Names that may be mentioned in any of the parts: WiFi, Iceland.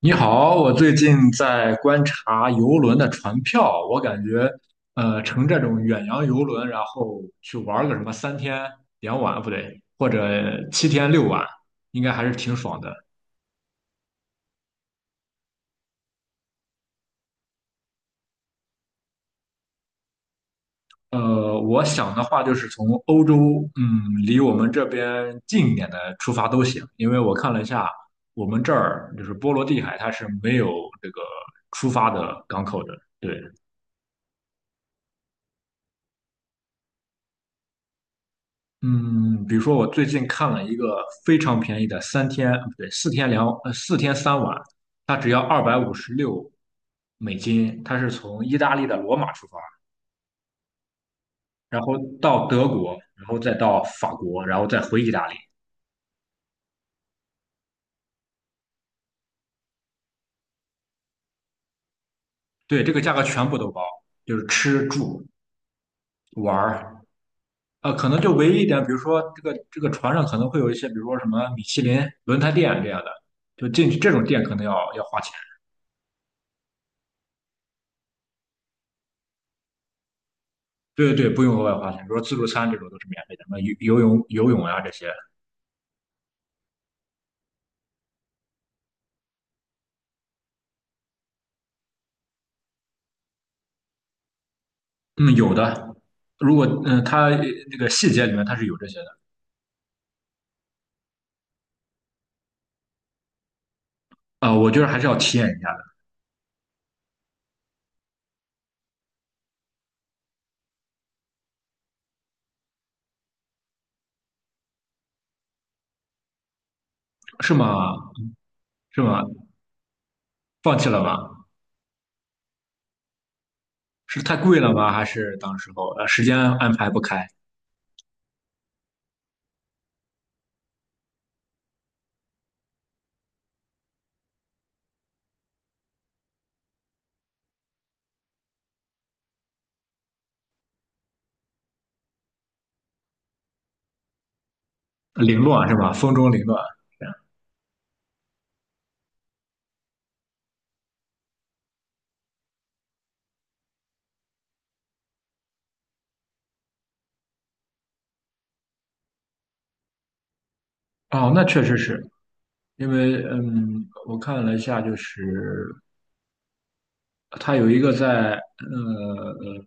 你好，我最近在观察游轮的船票，我感觉，乘这种远洋游轮，然后去玩个什么3天2晚，不对，或者7天6晚，应该还是挺爽的。我想的话就是从欧洲，离我们这边近一点的出发都行，因为我看了一下，我们这儿就是波罗的海，它是没有这个出发的港口的，对。嗯，比如说我最近看了一个非常便宜的三天，不对，4天3晚，它只要$256，它是从意大利的罗马出发，然后到德国，然后再到法国，然后再回意大利。对，这个价格全部都包，就是吃住玩儿，可能就唯一一点，比如说这个船上可能会有一些，比如说什么米其林轮胎店这样的，就进去这种店可能要花钱。对对，不用额外花钱，比如说自助餐这种都是免费的，什么游泳、游泳啊这些，嗯，有的。如果它那个细节里面它是有这些的啊，我觉得还是要体验一下的，是吗？是吗？放弃了吗？是太贵了吗？还是当时候时间安排不开，凌乱是吧？风中凌乱。哦，那确实是因为，我看了一下，就是它有一个在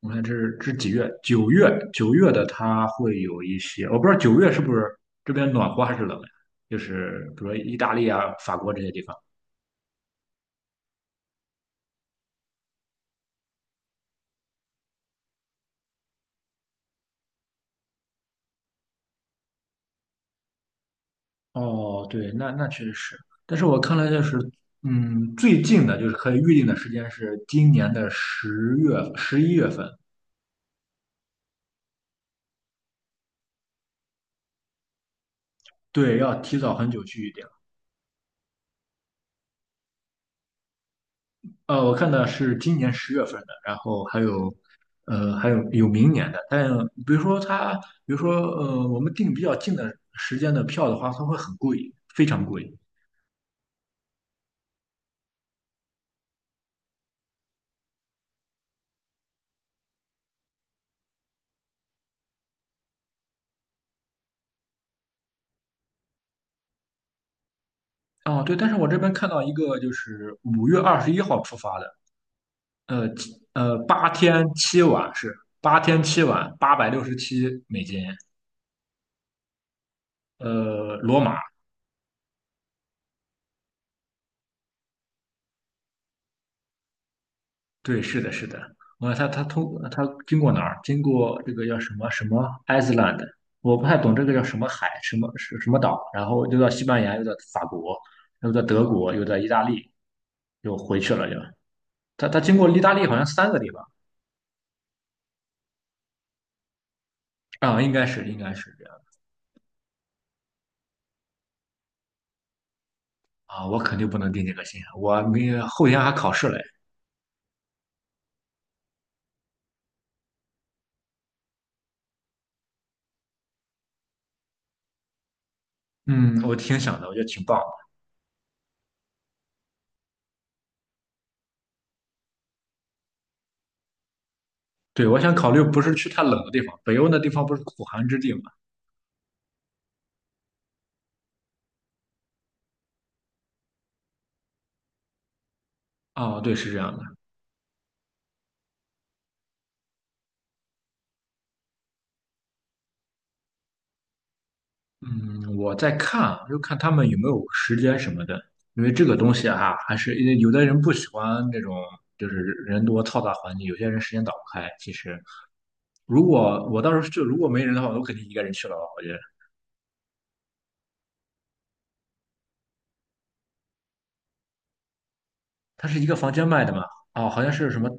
我看这是几月？九月，九月的它会有一些，我不知道九月是不是这边暖和还是冷呀？就是比如说意大利啊、法国这些地方。哦，对，那那确实是，但是我看了就是，最近的就是可以预定的时间是今年的10月、11月份，对，要提早很久去。我看的是今年10月份的，然后还有，还有明年的。但比如说它，比如说我们订比较近的时间的票的话，它会很贵，非常贵。哦，对，但是我这边看到一个就是5月21号出发的，呃七呃，八天七晚，$867。罗马对，是的，是的。我他他通他经过哪儿？经过这个叫什么什么 Iceland，我不太懂这个叫什么海，什么是什么岛，然后又到西班牙，又到法国，又到德国，又到意大利，又回去了又。他他经过意大利好像三个地方啊，应该是这样啊，我肯定不能定这个心啊，我明后天还考试嘞。嗯，我挺想的，我觉得挺棒的。对，我想考虑不是去太冷的地方，北欧那地方不是苦寒之地嘛？啊，对，是这样的。嗯，我在看啊就看他们有没有时间什么的，因为这个东西啊，还是因为有的人不喜欢那种就是人多嘈杂环境，有些人时间打不开。其实，如果我到时候就如果没人的话，我肯定一个人去了吧。我觉得它是一个房间卖的嘛，哦，好像是什么，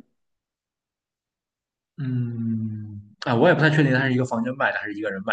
嗯，啊，我也不太确定它是一个房间卖的还是一个人卖。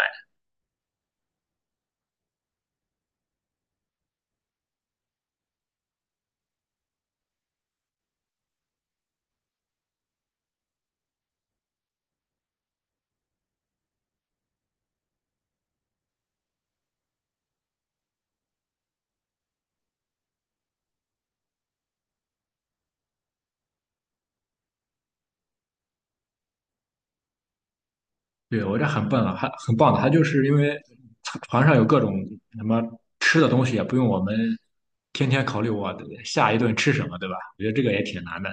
对，我这很笨啊，还很棒的。他就是因为船上有各种什么吃的东西，也不用我们天天考虑我下一顿吃什么，对吧？我觉得这个也挺难的。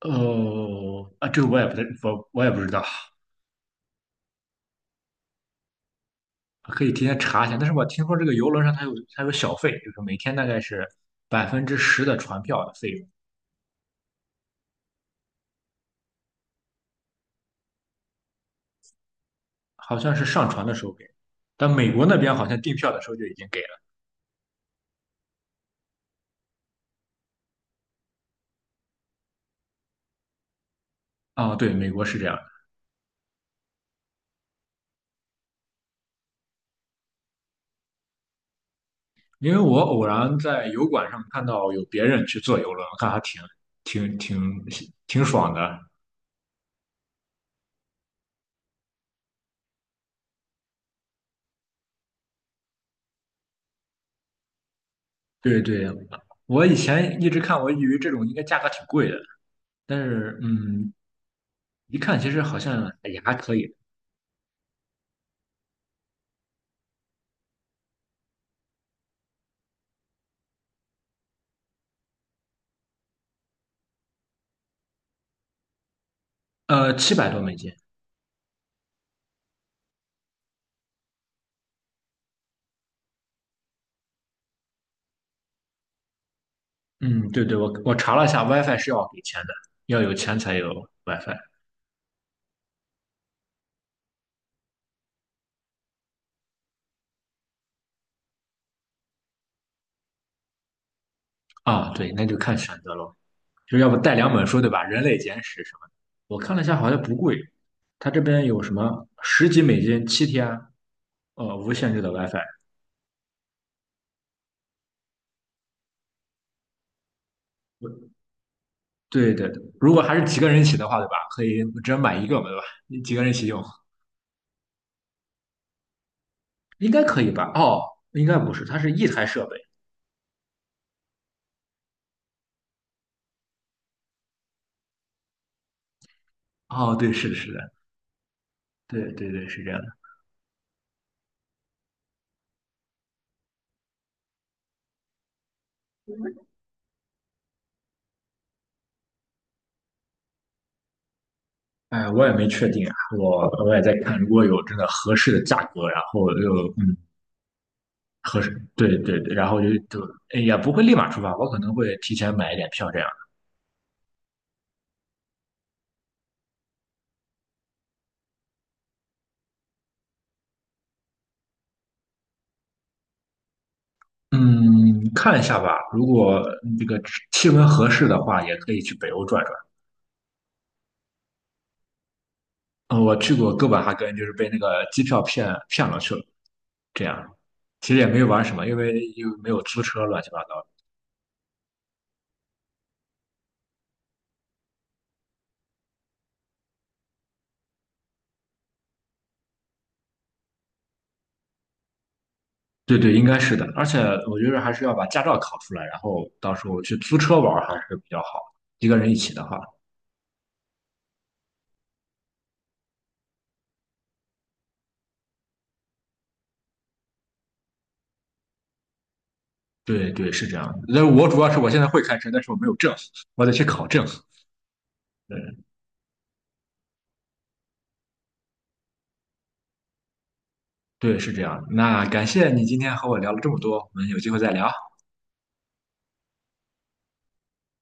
哦，啊，这个我也不太，我也不知道，可以提前查一下。但是我听说这个游轮上它有它有小费，就是每天大概是10%的船票的费用，好像是上船的时候给，但美国那边好像订票的时候就已经给了。啊，对，美国是这样。因为我偶然在油管上看到有别人去坐游轮，我看还挺挺挺爽的。对对，我以前一直看，我以为这种应该价格挺贵的，但是一看其实好像也还可以，$700多。嗯，对对，我查了一下，WiFi 是要给钱的，要有钱才有 WiFi 啊。对，那就看选择咯，就要不带两本书，对吧？《人类简史》什么的，我看了一下，好像不贵。它这边有什么十几美金七天，无限制的 WiFi，对对对，如果还是几个人一起的话，对吧？可以只能买一个嘛，对吧？你几个人一起用，应该可以吧？哦，应该不是，它是一台设备。哦，对，是的，是的，对对对，是这样的。哎，我也没确定啊，我也在看，如果有真的合适的价格，然后又合适，对对对，然后就哎也不会立马出发，我可能会提前买一点票这样。嗯，看一下吧，如果这个气温合适的话，也可以去北欧转转。嗯，我去过哥本哈根，就是被那个机票骗了去了，这样，其实也没有玩什么，因为又没有租车，乱七八糟的对对，应该是的，而且我觉得还是要把驾照考出来，然后到时候去租车玩还是比较好，一个人一起的话。对对，是这样的。但是我主要是我现在会开车，但是我没有证，我得去考证。对对，是这样。那感谢你今天和我聊了这么多，我们有机会再聊。